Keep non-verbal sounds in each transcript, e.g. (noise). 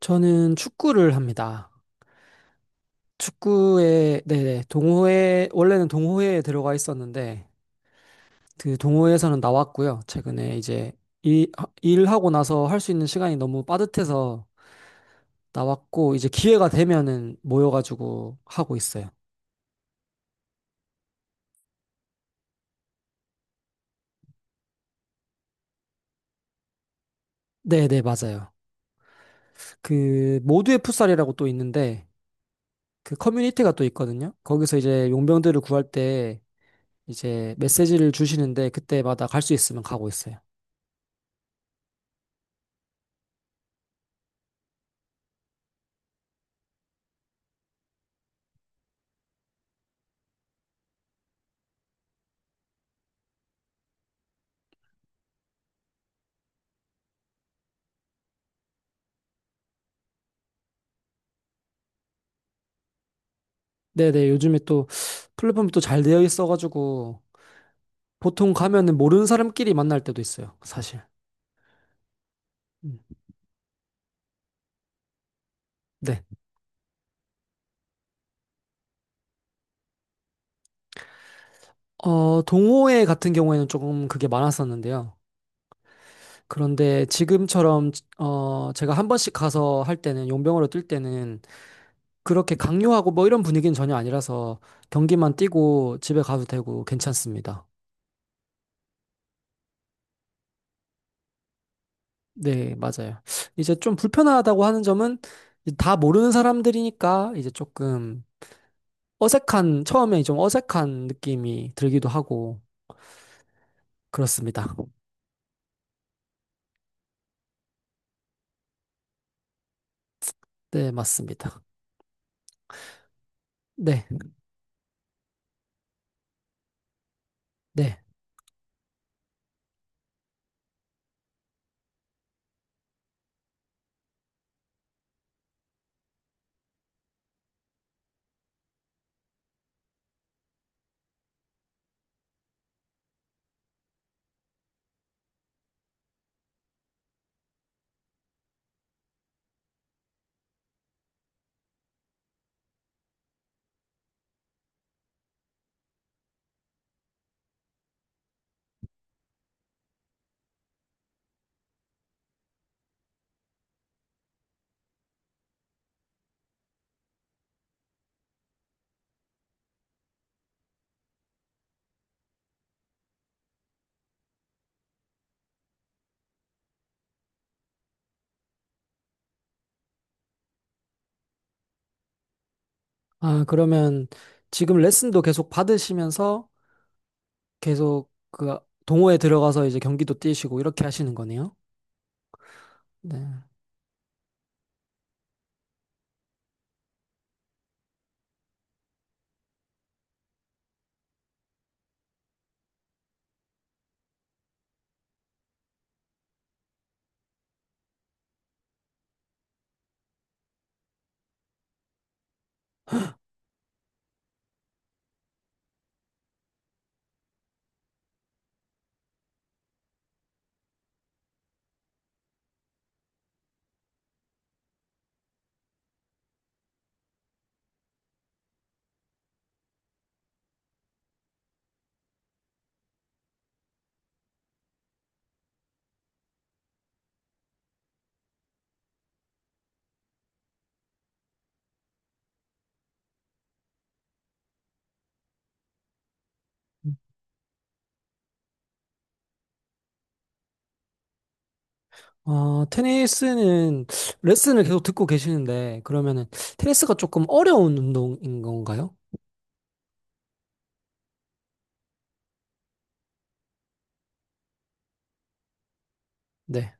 저는 축구를 합니다. 네네, 원래는 동호회에 들어가 있었는데, 그 동호회에서는 나왔고요. 최근에 이제 일, 일하고 나서 할 수 있는 시간이 너무 빠듯해서 나왔고, 이제 기회가 되면은 모여가지고 하고 있어요. 네네, 맞아요. 그, 모두의 풋살이라고 또 있는데, 그 커뮤니티가 또 있거든요. 거기서 이제 용병들을 구할 때 이제 메시지를 주시는데, 그때마다 갈 수 있으면 가고 있어요. 네네, 요즘에 또 플랫폼이 또 잘 되어 있어가지고 보통 가면은 모르는 사람끼리 만날 때도 있어요, 사실. 음. 네. 동호회 같은 경우에는 조금 그게 많았었는데요. 그런데 지금처럼, 제가 한 번씩 가서 할 때는, 용병으로 뛸 때는 그렇게 강요하고 뭐 이런 분위기는 전혀 아니라서 경기만 뛰고 집에 가도 되고 괜찮습니다. 네, 맞아요. 이제 좀 불편하다고 하는 점은 다 모르는 사람들이니까 이제 조금 어색한, 처음에 좀 어색한 느낌이 들기도 하고, 그렇습니다. 네, 맞습니다. 네, 네. 아, 그러면 지금 레슨도 계속 받으시면서 계속 그 동호회 들어가서 이제 경기도 뛰시고 이렇게 하시는 거네요? 네. 테니스는 레슨을 계속 듣고 계시는데, 그러면은 테니스가 조금 어려운 운동인 건가요? 네.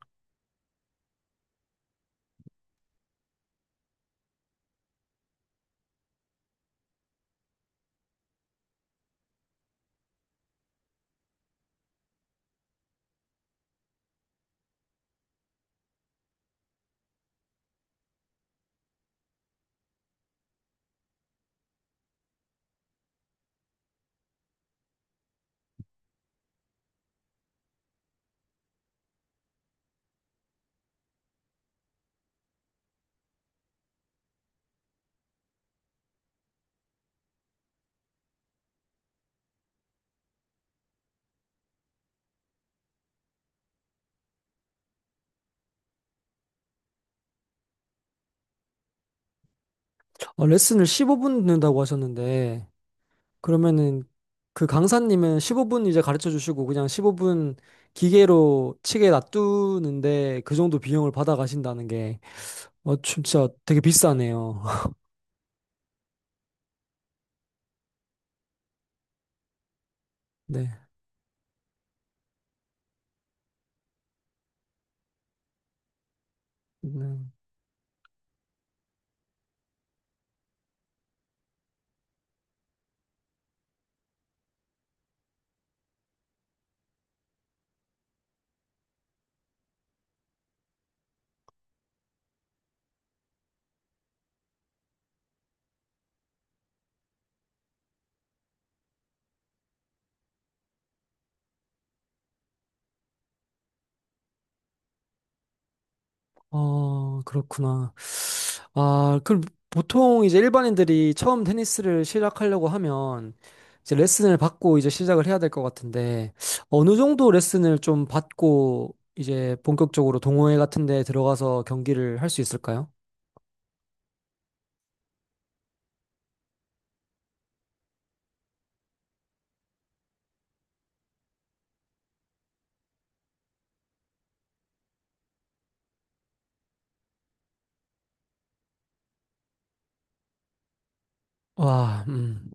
레슨을 15분 듣는다고 하셨는데, 그러면은 그 강사님은 15분 이제 가르쳐 주시고 그냥 15분 기계로 치게 놔두는데 그 정도 비용을 받아 가신다는 게 진짜 되게 비싸네요. (laughs) 네. 음, 그렇구나. 아, 그럼 보통 이제 일반인들이 처음 테니스를 시작하려고 하면 이제 레슨을 받고 이제 시작을 해야 될 것 같은데 어느 정도 레슨을 좀 받고 이제 본격적으로 동호회 같은 데 들어가서 경기를 할 수 있을까요? 와. 음.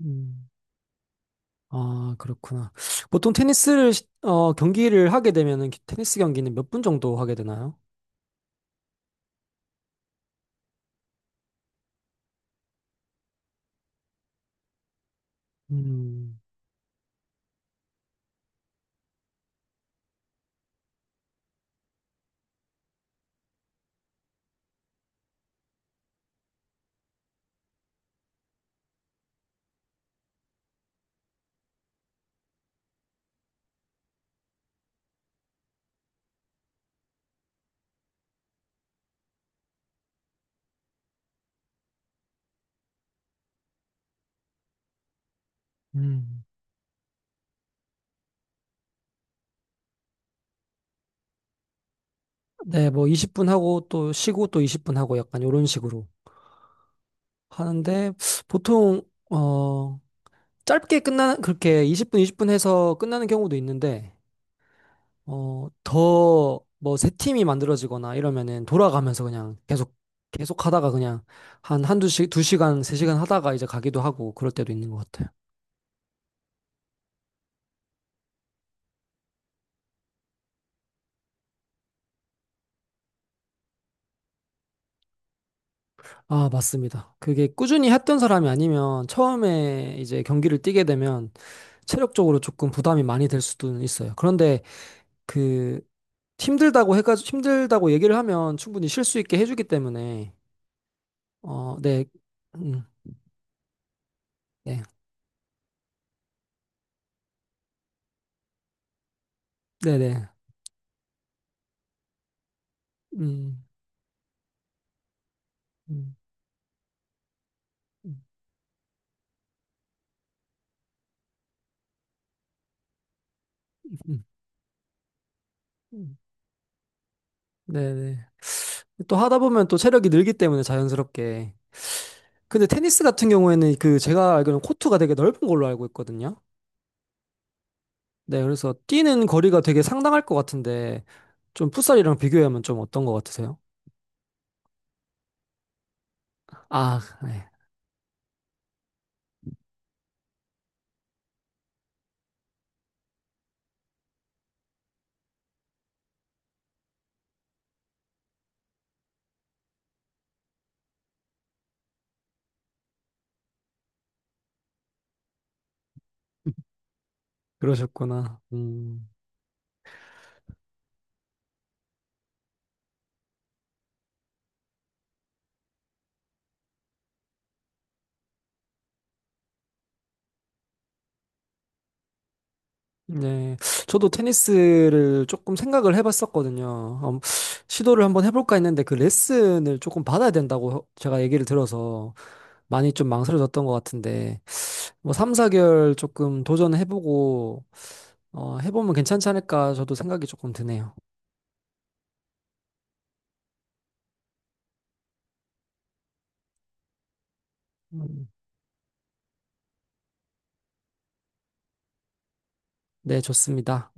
음. 아, 그렇구나. 보통 경기를 하게 되면은 테니스 경기는 몇 분 정도 하게 되나요? 음. 음. 네, 뭐 20분 하고 또 쉬고 또 20분 하고 약간 이런 식으로 하는데 보통, 어, 그렇게 20분, 20분 해서 끝나는 경우도 있는데 새 팀이 만들어지거나 이러면은 돌아가면서 그냥 계속, 계속 하다가 그냥 한 두 시간, 세 시간 하다가 이제 가기도 하고 그럴 때도 있는 것 같아요. 아, 맞습니다. 그게 꾸준히 했던 사람이 아니면 처음에 이제 경기를 뛰게 되면 체력적으로 조금 부담이 많이 될 수도 있어요. 그런데 그 힘들다고 해가지고 힘들다고 얘기를 하면 충분히 쉴 수 있게 해주기 때문에 어, 네, 음, 네, 네, 네, 음, 음, 음, 음, 네, 네. 또 하다 보면 또 체력이 늘기 때문에 자연스럽게. 근데 테니스 같은 경우에는 그 제가 알기로는 코트가 되게 넓은 걸로 알고 있거든요. 네, 그래서 뛰는 거리가 되게 상당할 것 같은데 좀 풋살이랑 비교하면 좀 어떤 것 같으세요? 아, 네. 그러셨구나. 음. 네. 저도 테니스를 조금 생각을 해봤었거든요. 시도를 한번 해볼까 했는데 그 레슨을 조금 받아야 된다고 제가 얘기를 들어서 많이 좀 망설여졌던 것 같은데 뭐 3, 4개월 조금 도전해보고 해보면 괜찮지 않을까 저도 생각이 조금 드네요. 음, 네, 좋습니다.